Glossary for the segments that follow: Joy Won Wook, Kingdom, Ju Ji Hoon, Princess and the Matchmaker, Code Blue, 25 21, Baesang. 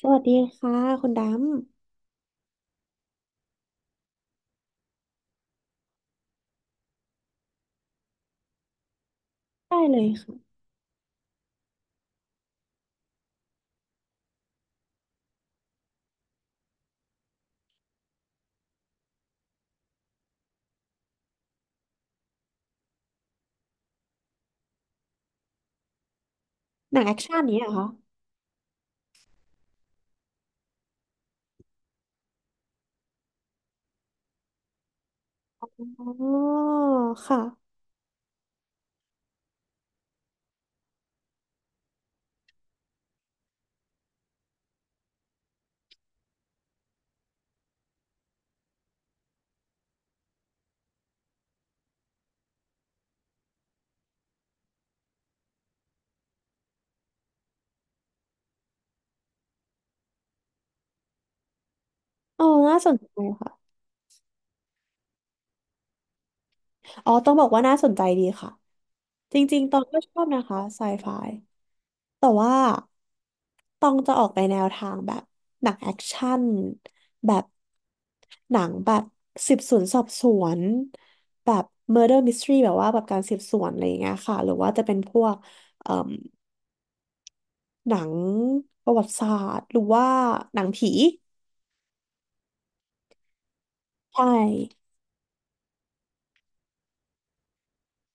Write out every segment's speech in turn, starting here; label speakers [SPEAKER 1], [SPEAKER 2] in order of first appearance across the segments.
[SPEAKER 1] สวัสดีค่ะคุณดำได้เลยค่ะหนังแอคชั่นนี้เหรอคะอ๋อค่ะอ๋อน่าสนใจค่ะอ๋อต้องบอกว่าน่าสนใจดีค่ะจริงๆตองก็ชอบนะคะไซไฟแต่ว่าตองจะออกไปแนวทางแบบหนังแอคชั่นแบบหนังแบบสืบสวนสอบสวนแบบ murder mystery แบบว่าแบบการสืบสวนอะไรอย่างเงี้ยค่ะหรือว่าจะเป็นพวกเอ่มหนังประวัติศาสตร์หรือว่าหนังผี ใช่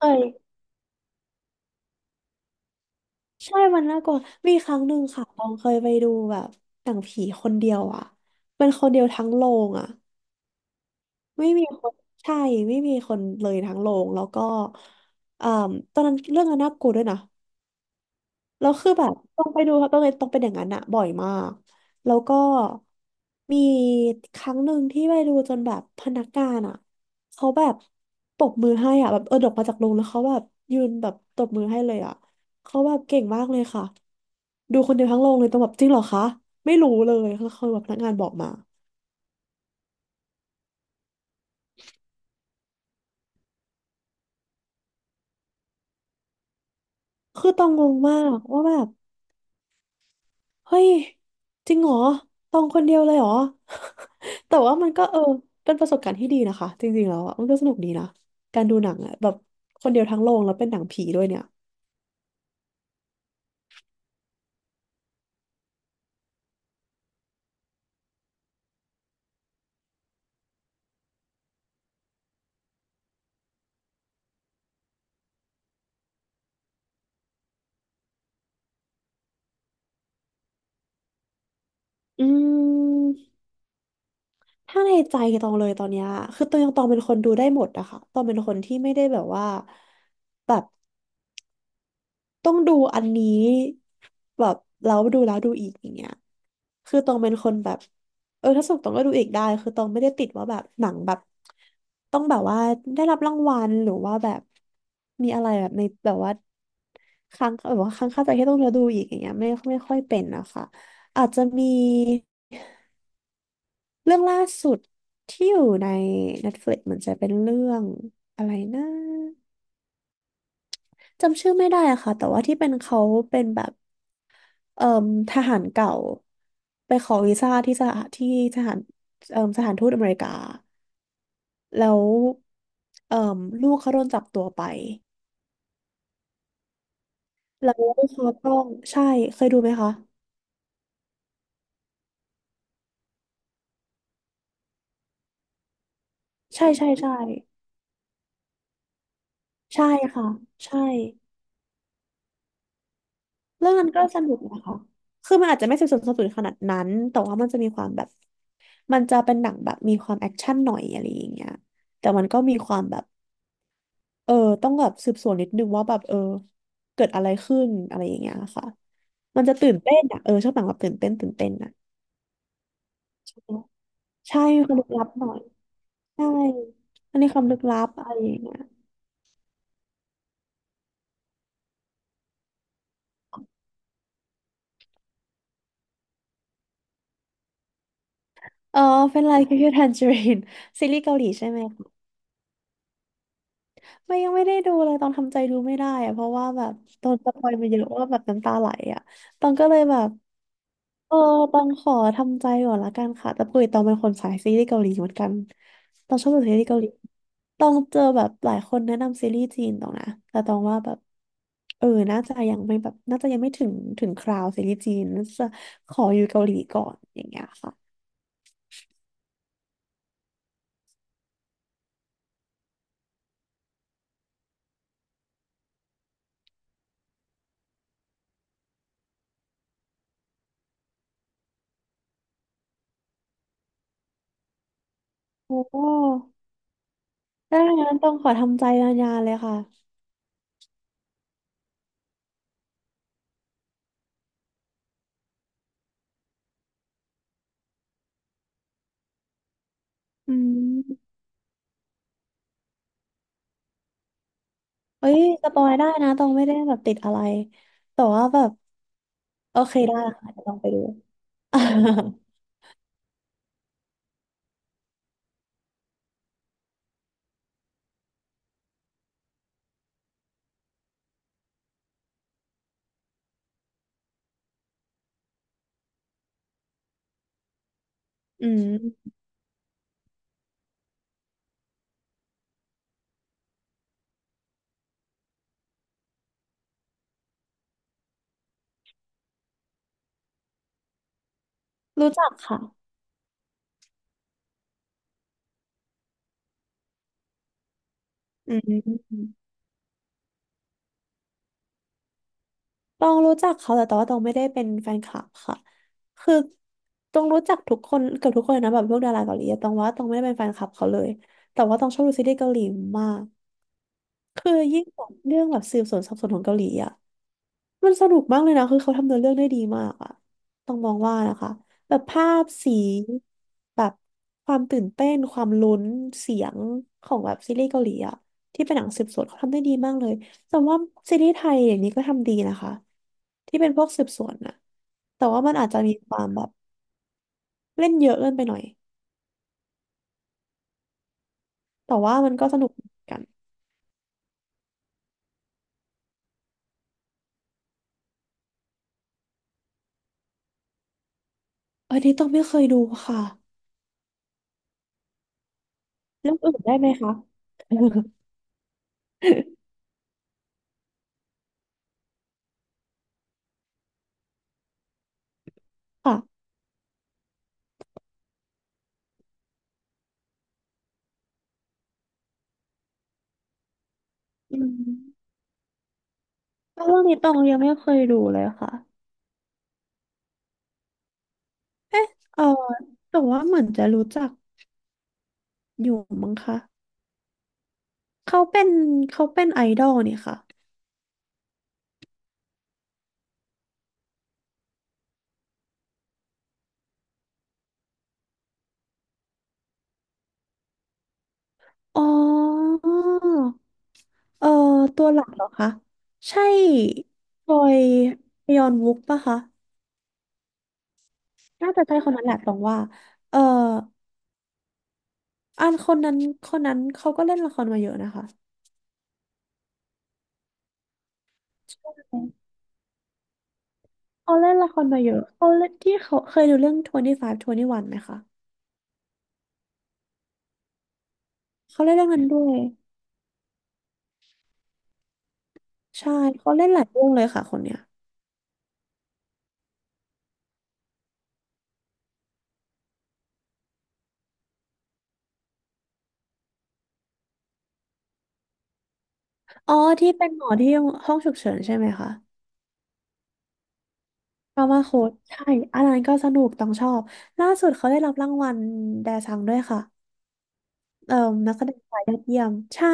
[SPEAKER 1] เคยใช่มันน่ากลัวมีครั้งหนึ่งค่ะตองเคยไปดูแบบหนังผีคนเดียวอ่ะเป็นคนเดียวทั้งโรงอ่ะไม่มีคนใช่ไม่มีคนเลยทั้งโรงแล้วก็เอ่อตอนนั้นเรื่องนั้นน่ากลัวด้วยนะ แล้วคือแบบต้องไปดูครับต้องไปนต้องเป็นอย่างนั้นอะบ่อยมากแล้วก็มีครั้งหนึ่งที่ไปดูจนแบบพนักงานอะเขาแบบตบมือให้อะแบบเออออกมาจากโรงแล้วเขาแบบยืนแบบตบมือให้เลยอะเขาแบบเก่งมากเลยค่ะดูคนเดียวทั้งโรงเลยต้องแบบจริงเหรอคะไม่รู้เลยแล้วเขาแบบพนักงานบอกมาคือต้องงงมากว่าแบบ เฮ้ยจริงเหรอตองคนเดียวเลยเหรอ แต่ว่ามันก็เออเป็นประสบการณ์ที่ดีนะคะจริงๆแล้วอะมันก็สนุกดีนะการดูหนังอะแบบคนเดียวทั้งโรงแล้วเป็นหนังผีด้วยเนี่ยอืมถ้าในใจตองเลยตอนเนี้ยคือตองยังตองเป็นคนดูได้หมดอะค่ะตองเป็นคนที่ไม่ได้แบบว่าแบบ ต้องดูอันนี้แบบแล้วดูแล้วดูอีกอย่างเงี้ยคือตองเป็นคนแบบเออถ้าสนุกตองก็ดูอีกได้คือตองไม่ได้ติดว่าแบบหนังแบบต้องแบบว่าได้รับรางวัลหรือว่าแบบมีอะไรแบบในแบบว่าค้างแบบว่าค้างคาใจที่ต้องแล้วดูอีกอย่างเงี้ยไม่ค่อยเป็นนะคะอาจจะมีเรื่องล่าสุดที่อยู่ใน Netflix เหมือนจะเป็นเรื่องอะไรนะจำชื่อไม่ได้อะค่ะแต่ว่าที่เป็นเขาเป็นแบบ เอ่มทหารเก่าไปขอวีซ่าที่สถานที่ทหารเอ่มสถานทูตอเมริกาแล้วเอ่มลูกเขาโดนจับตัวไปแล้วเขาต้องใช่เคยดูไหมคะใช่ใช่ใช่ใช่ค่ะใช่เรื่องนั้นก็สนุกนะคะคือมันอาจจะไม่สืบสวนสอบสวนขนาดนั้นแต่ว่ามันจะมีความแบบมันจะเป็นหนังแบบมีความแอคชั่นหน่อยอะไรอย่างเงี้ยแต่มันก็มีความแบบเออต้องแบบสืบสวนนิดนึงว่าแบบเออเกิดอะไรขึ้นอะไรอย่างเงี้ยค่ะ มันจะตื่นเต้นอ่ะเออชอบหนังแบบตื่นเต้นตื่นเต้นอ่ะใช่มีความลึกลับหน่อยใช่อันนี้ความลึกลับอะไรอย่างเงี้ยเออเป็นไรคิวคิวทันจริน ซีรีส์เกาหลีใช่ไหมคะไม่ยังไม่ได้ดูเลยตองทำใจดูไม่ได้อะเพราะว่าแบบโดนสปอยมาเยอะว่าแบบน้ำตาไหลอ่ะตองก็เลยแบบ เออต้องขอทำใจก่อนละกันค่ะแต่ปกติต้องเป็นคนสายซีรีส์เกาหลีเหมือนกันต้องชอบดูซีรีส์เกาหลีต้องเจอแบบหลายคนแนะนำซีรีส์จีนตองนะแต่ต้องว่าแบบเออน่าจะยังไม่แบบน่าจะยังไม่ถึงถึงคราวซีรีส์จีนน่าจะขออยู่เกาหลีก่อนอย่างเงี้ยค่ะโอ้ได้งั้นต้องขอทำใจนานๆเลยค่ะอืมเอ้ยสปอยได้นะต้องไม่ได้แบบติดอะไรแต่ว่าแบบโอเคได้ค่ะเดี๋ยวต้องไปดู อืมรู้จักค่ะ อืมตองรู้จักเขาแต่ตองว่าตองไม่ได้เป็นแฟนคลับค่ะคือตองรู้จักทุกคนเกือบทุกคนเลยนะแบบพวกดาราเกาหลีอะตองว่าตองไม่ได้เป็นแฟนคลับเขาเลยแต่ว่าตองชอบดูซีรีส์เกาหลีมากคือยิ่งแบบเรื่องแบบสืบสวนสอบสวนของเกาหลีอะ มันสนุกมากเลยนะ คือเขาทำเนื้อเรื่องได้ดีมากอะต้องมองว่านะคะแบบภาพสีแบบความตื่นเต้นความลุ้นเสียงของแบบซีรีส์เกาหลีอะที่เป็นหนังสืบสวนเขาทำได้ดีมากเลย แต่ว่าซีรีส์ไทยเดี๋ยวนี้ก็ทำดีนะคะที่เป็นพวกสืบสวนอะแต่ว่ามันอาจจะมีความแบบเล่นเยอะเกินไปหน่อยแต่ว่ามันก็สนุกเหมือนกันอันนี้ต้องไม่เคยดูค่ะเรื่องอื่นได้ไหมคะ ค่ะอืมเรื่องนี้ตองยังไม่เคยดูเลยค่ะ เออแต่ว่าเหมือนจะรู้จักอยู่มั้งคะเขาเป็นเขาเป็นไอดอลนี่ค่ะอ๋อเออตัวหลักเหรอคะใช่จอยยอนวุกปะคะน่าจะใช่คนนั้นแหละตรงว่าเอออันคนนั้นเขาก็เล่นละครมาเยอะนะคะเขาเล่นละครมาเยอะเขาเล่นที่เขาเคยดูเรื่อง25 21ไหมคะเขาเล่นเรื่องนั้นด้วยใช่เขาเล่นหลายเรื่องเลยค่ะคนเนี้ยอ๋อที่เป็นหมอที่ห้องฉุกเฉินใช่ไหมคะ ดราม่าโค้ดใช่อันนั้นก็สนุกต้องชอบล่าสุดเขาได้รับรางวัลแดซังด้วยค่ะเอ่อนักแสดงชายยอดเยี่ยมใช่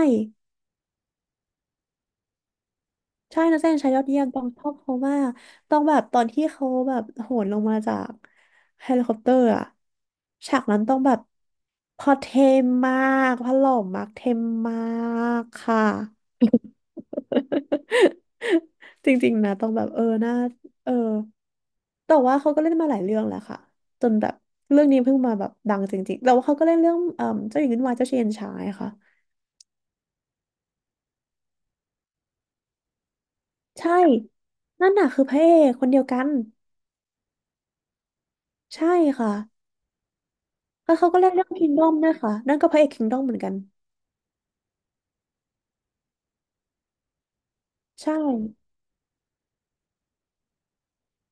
[SPEAKER 1] ใช่นักแสดงชายยอดเยี่ยมต้องชอบเขามากต้องแบบตอนที่เขาแบบโหนลงมาจากเฮลิคอปเตอร์อะฉากนั้นต้องแบบพอเทมมากพอหล่อมากเทมมากค่ะ จริงๆนะต้องแบบน่าเออแต่ว่าเขาก็เล่นมาหลายเรื่องแล้วค่ะจนแบบเรื่องนี้เพิ่งมาแบบดังจริงๆแต่ว่าเขาก็เล่นเรื่องเจ้าหญิงวุ่นวายเจ้าชายเย็นชายค่ะใช่นั่นน่ะคือพระเอกคนเดียวกันใช่ค่ะแล้วเขาก็เล่นเรื่องคิงดอมด้วยค่ะนั่นก็พระเอกคิงดอมเหมือนกันใช่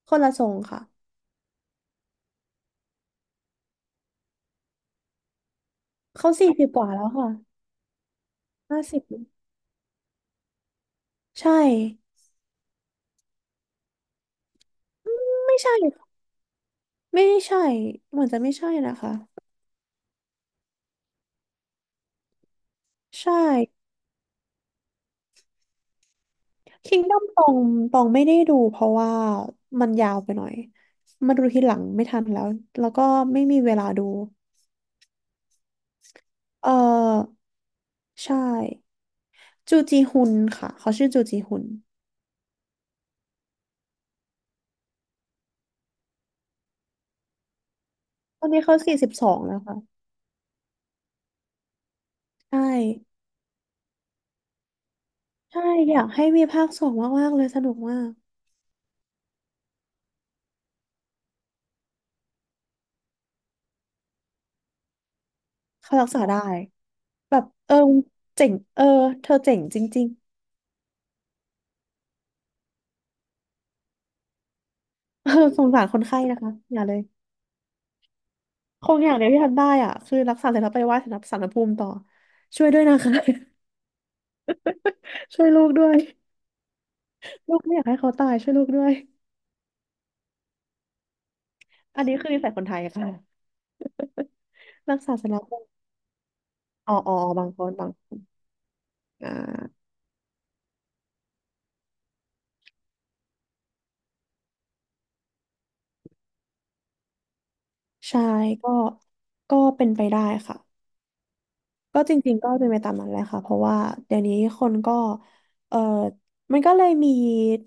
[SPEAKER 1] คนละทรงค่ะเขาสี่สิบกว่าแล้วค่ะห้าสิบใช่ไม่ใช่ไม่ใช่เหมือนจะไม่ใช่นะคะใช่ คิงด o มตองตองไม่ได้ดูเพราะว่ามันยาวไปหน่อยมาดูทีหลังไม่ทันแล้วแล้วก็ไม่มีเวลาดูเออใช่จูจีฮุนค่ะเขาชื่อจูจีฮุนตอนนี้เขาสี่สิบสองแล้วค่ะใช่ใช่อยากให้มีภาคสองมากๆเลยสนุกมากเขารักษาได้แบบเจ๋งเธอเจ๋งจริงๆ สงสารคนไข้นะคะอย่าเลยคงอย่างเดียวที่ทำได้อ่ะคือรักษาเสร็จแล้วไปไหว้สารพระภูมิต่อช่วยด้วยนะคะ ช่วยลูกด้วย ลูกไม่อยากให้เขาตายช่วยลูกด้วยอันนี้คือนิสัยคนไทยค่ะรักษาสนบอ๋ออ๋อบางคนบางอ่าใช่ก็ก็เป็นไปได้ค่ะก็จริงๆก็เป็นไปตามนั้นแหละค่ะเพราะว่าเดี๋ยวนี้คนก็เออมันก็เลยมี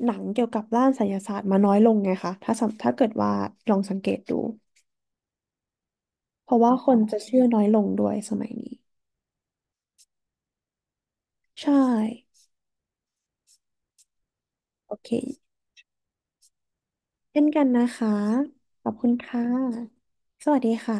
[SPEAKER 1] หนังเกี่ยวกับด้านไสยศาสตร์มาน้อยลงไงคะถ้าเกิดว่าลองสังเกตดูเพราะว่าคนจะเชื่อน้อยลงด้วยสมัยนี้ใช่โอเคเช่นกันนะคะขอบคุณค่ะสวัสดีค่ะ